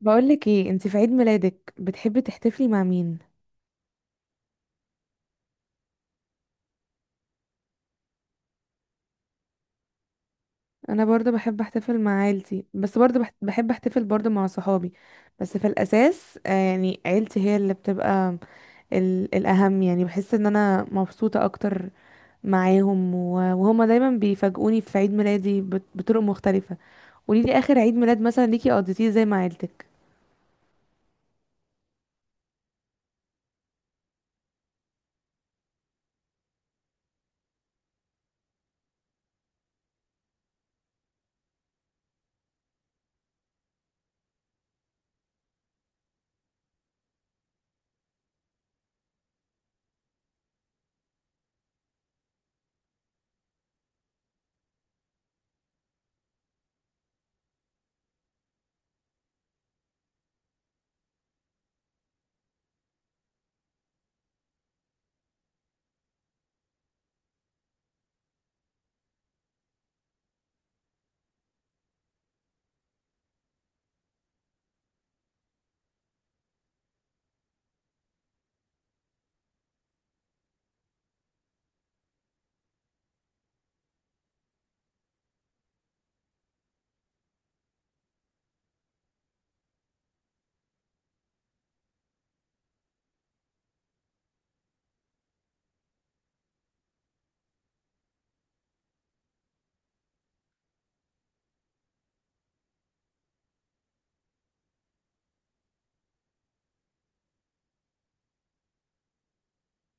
بقولك ايه انتي، في عيد ميلادك بتحبي تحتفلي مع مين؟ انا برضه بحب احتفل مع عيلتي، بس برضه بحب احتفل برضه مع صحابي. بس في الاساس يعني عيلتي هي اللي بتبقى الاهم. يعني بحس ان انا مبسوطة اكتر معاهم، وهما دايما بيفاجئوني في عيد ميلادي بطرق مختلفة. قوليلي اخر عيد ميلاد مثلا ليكي قضيتيه زي مع عيلتك.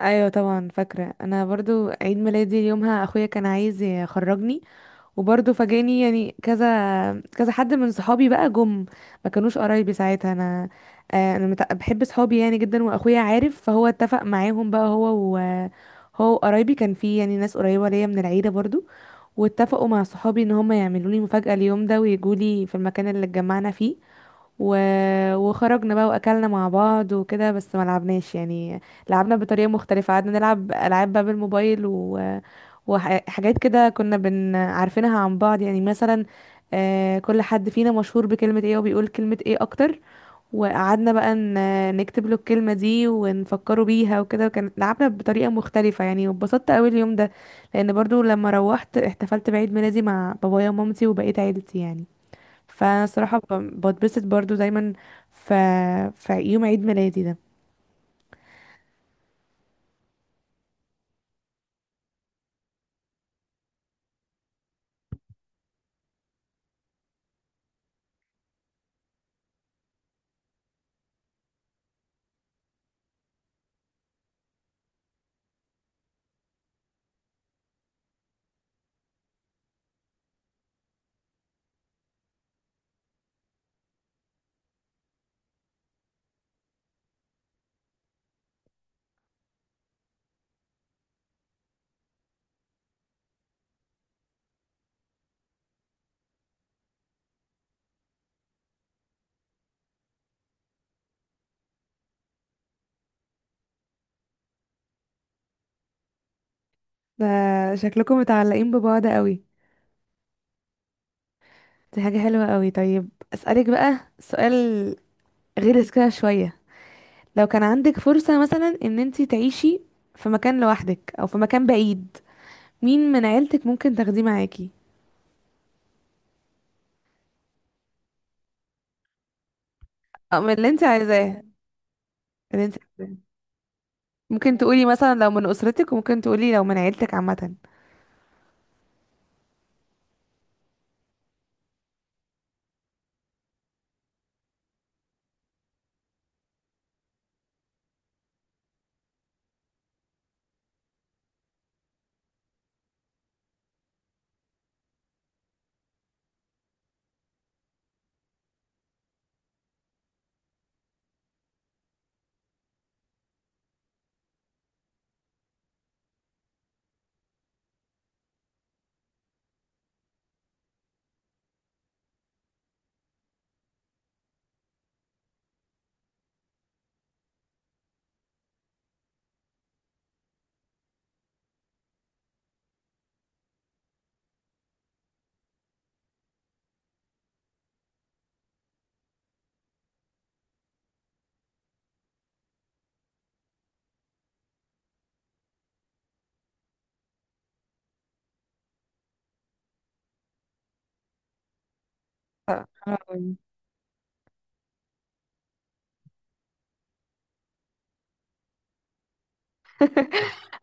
ايوه طبعا فاكره. انا برضو عيد ميلادي يومها اخويا كان عايز يخرجني، وبرضه فاجئني يعني كذا كذا حد من صحابي بقى جم. ما كانوش قرايبي ساعتها. انا انا بحب صحابي يعني جدا، واخويا عارف، فهو اتفق معاهم بقى هو و قرايبي، كان في يعني ناس قريبة ليا من العيلة برضو، واتفقوا مع صحابي ان هم يعملوا لي مفاجأة اليوم ده ويجوا لي في المكان اللي اتجمعنا فيه و... وخرجنا بقى واكلنا مع بعض وكده، بس ما لعبناش يعني. لعبنا بطريقه مختلفه، قعدنا نلعب العاب بقى بالموبايل وحاجات كده كنا بن عارفينها عن بعض، يعني مثلا كل حد فينا مشهور بكلمه ايه وبيقول كلمه ايه اكتر، وقعدنا بقى نكتب له الكلمه دي ونفكره بيها وكده، وكان لعبنا بطريقه مختلفه يعني، واتبسطت قوي اليوم ده، لان برضو لما روحت احتفلت بعيد ميلادي مع بابايا ومامتي وبقيت عيلتي يعني. فانا الصراحه بتبسط برضو دايما في يوم عيد ميلادي ده. ده شكلكم متعلقين ببعض قوي. دي حاجه حلوه قوي. طيب اسالك بقى سؤال غير كده شويه. لو كان عندك فرصه مثلا ان انتي تعيشي في مكان لوحدك او في مكان بعيد، مين من عيلتك ممكن تاخديه معاكي؟ او من اللي انت عايزاه، اللي انت عايزاه. ممكن تقولي مثلا لو من اسرتك، وممكن تقولي لو من عيلتك عامه.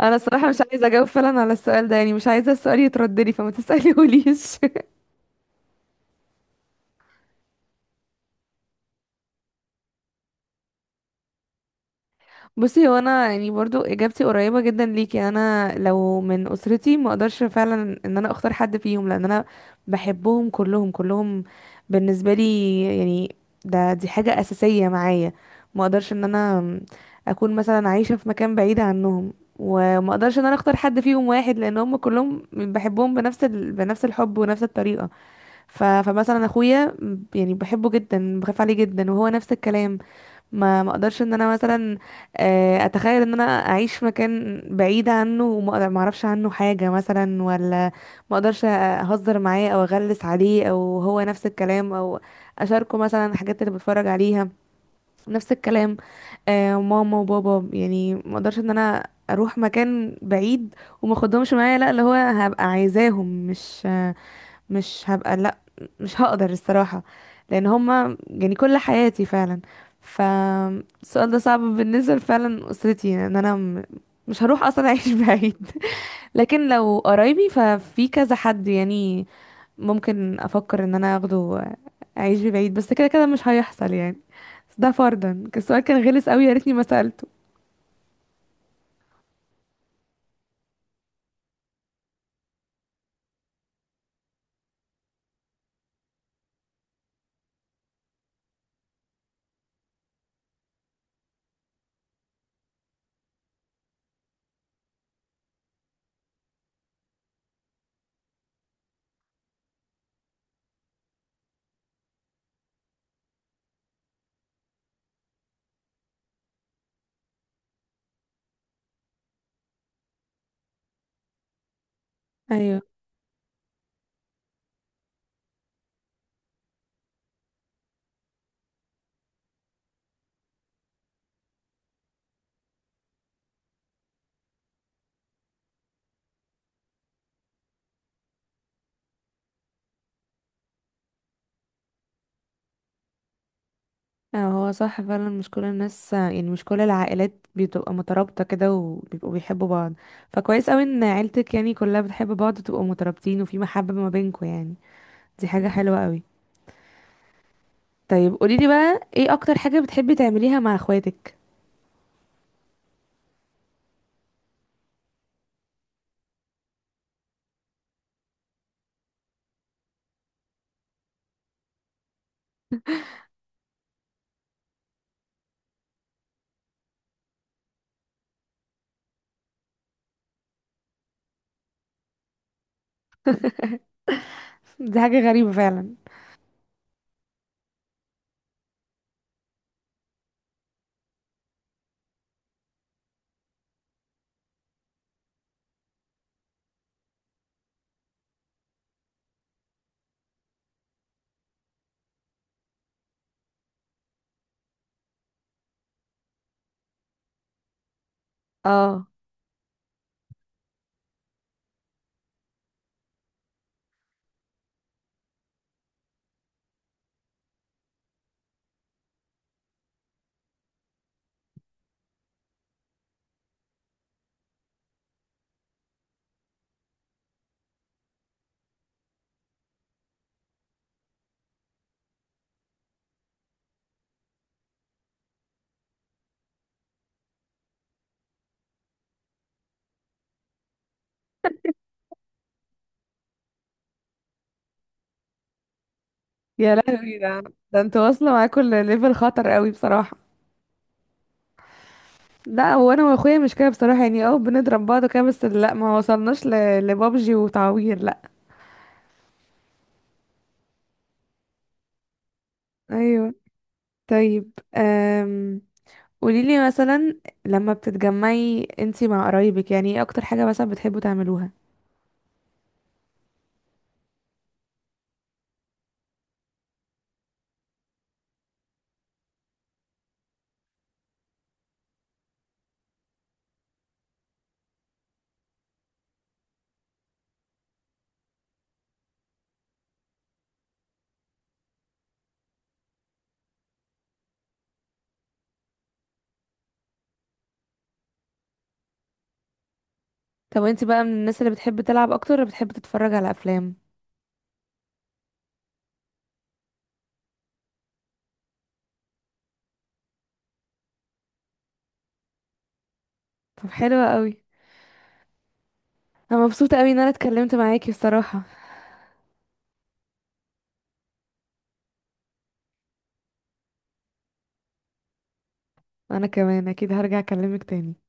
انا الصراحه مش عايزه اجاوب فعلا على السؤال ده، يعني مش عايزه السؤال يترد لي فما تساليهوليش. بصي، هو انا يعني برضو اجابتي قريبه جدا ليكي. انا لو من اسرتي ما اقدرش فعلا ان انا اختار حد فيهم، لان انا بحبهم كلهم كلهم. بالنسبه لي يعني دي حاجه اساسيه معايا. ما اقدرش ان انا اكون مثلا عايشه في مكان بعيد عنهم، وما اقدرش ان انا اختار حد فيهم واحد، لان هم كلهم بحبهم بنفس بنفس الحب ونفس الطريقه. فمثلا اخويا يعني بحبه جدا، بخاف عليه جدا، وهو نفس الكلام. ما اقدرش ان انا مثلا اتخيل ان انا اعيش في مكان بعيد عنه، ما اعرفش عنه حاجه مثلا، ولا ما اقدرش اهزر معاه او اغلس عليه، او هو نفس الكلام، او اشاركه مثلا الحاجات اللي بتفرج عليها نفس الكلام. ماما وبابا يعني ما اقدرش ان انا اروح مكان بعيد وما اخدهمش معايا. لا، اللي هو هبقى عايزاهم، مش هبقى. لا، مش هقدر الصراحة، لان هما يعني كل حياتي فعلا. فالسؤال ده صعب بالنسبة فعلا اسرتي، ان انا مش هروح اصلا اعيش بعيد. لكن لو قرايبي ففي كذا حد يعني ممكن افكر ان انا اخده اعيش بعيد، بس كده كده مش هيحصل يعني. بس ده فرضا. السؤال كان غلس قوي، يا ريتني ما سألته. ايوه. اه، هو صح فعلا، مش كل الناس يعني مش كل العائلات بتبقى مترابطة كده وبيبقوا بيحبوا بعض. فكويس قوي ان عيلتك يعني كلها بتحب بعض وتبقوا مترابطين وفي محبة ما بينكوا يعني. دي حاجة حلوة قوي. طيب قوليلي بقى ايه اكتر حاجة بتحبي تعمليها مع اخواتك؟ دي حاجة غريبة فعلا. اه. يا لهوي! ده ده انتوا واصلة معاكوا ليفل خطر قوي بصراحة. لا، هو انا واخويا مش كده بصراحة، يعني اه بنضرب بعض كده بس، لا ما وصلناش لبابجي وتعوير، لا. ايوه. طيب قوليلي مثلا لما بتتجمعي انتي مع قرايبك، يعني ايه اكتر حاجة مثلا بتحبوا تعملوها؟ طب انتي بقى من الناس اللي بتحب تلعب اكتر، ولا بتحب تتفرج على افلام؟ طب حلوة قوي. انا مبسوطة قوي ان انا اتكلمت معاكي بصراحة. انا كمان اكيد هرجع اكلمك تاني.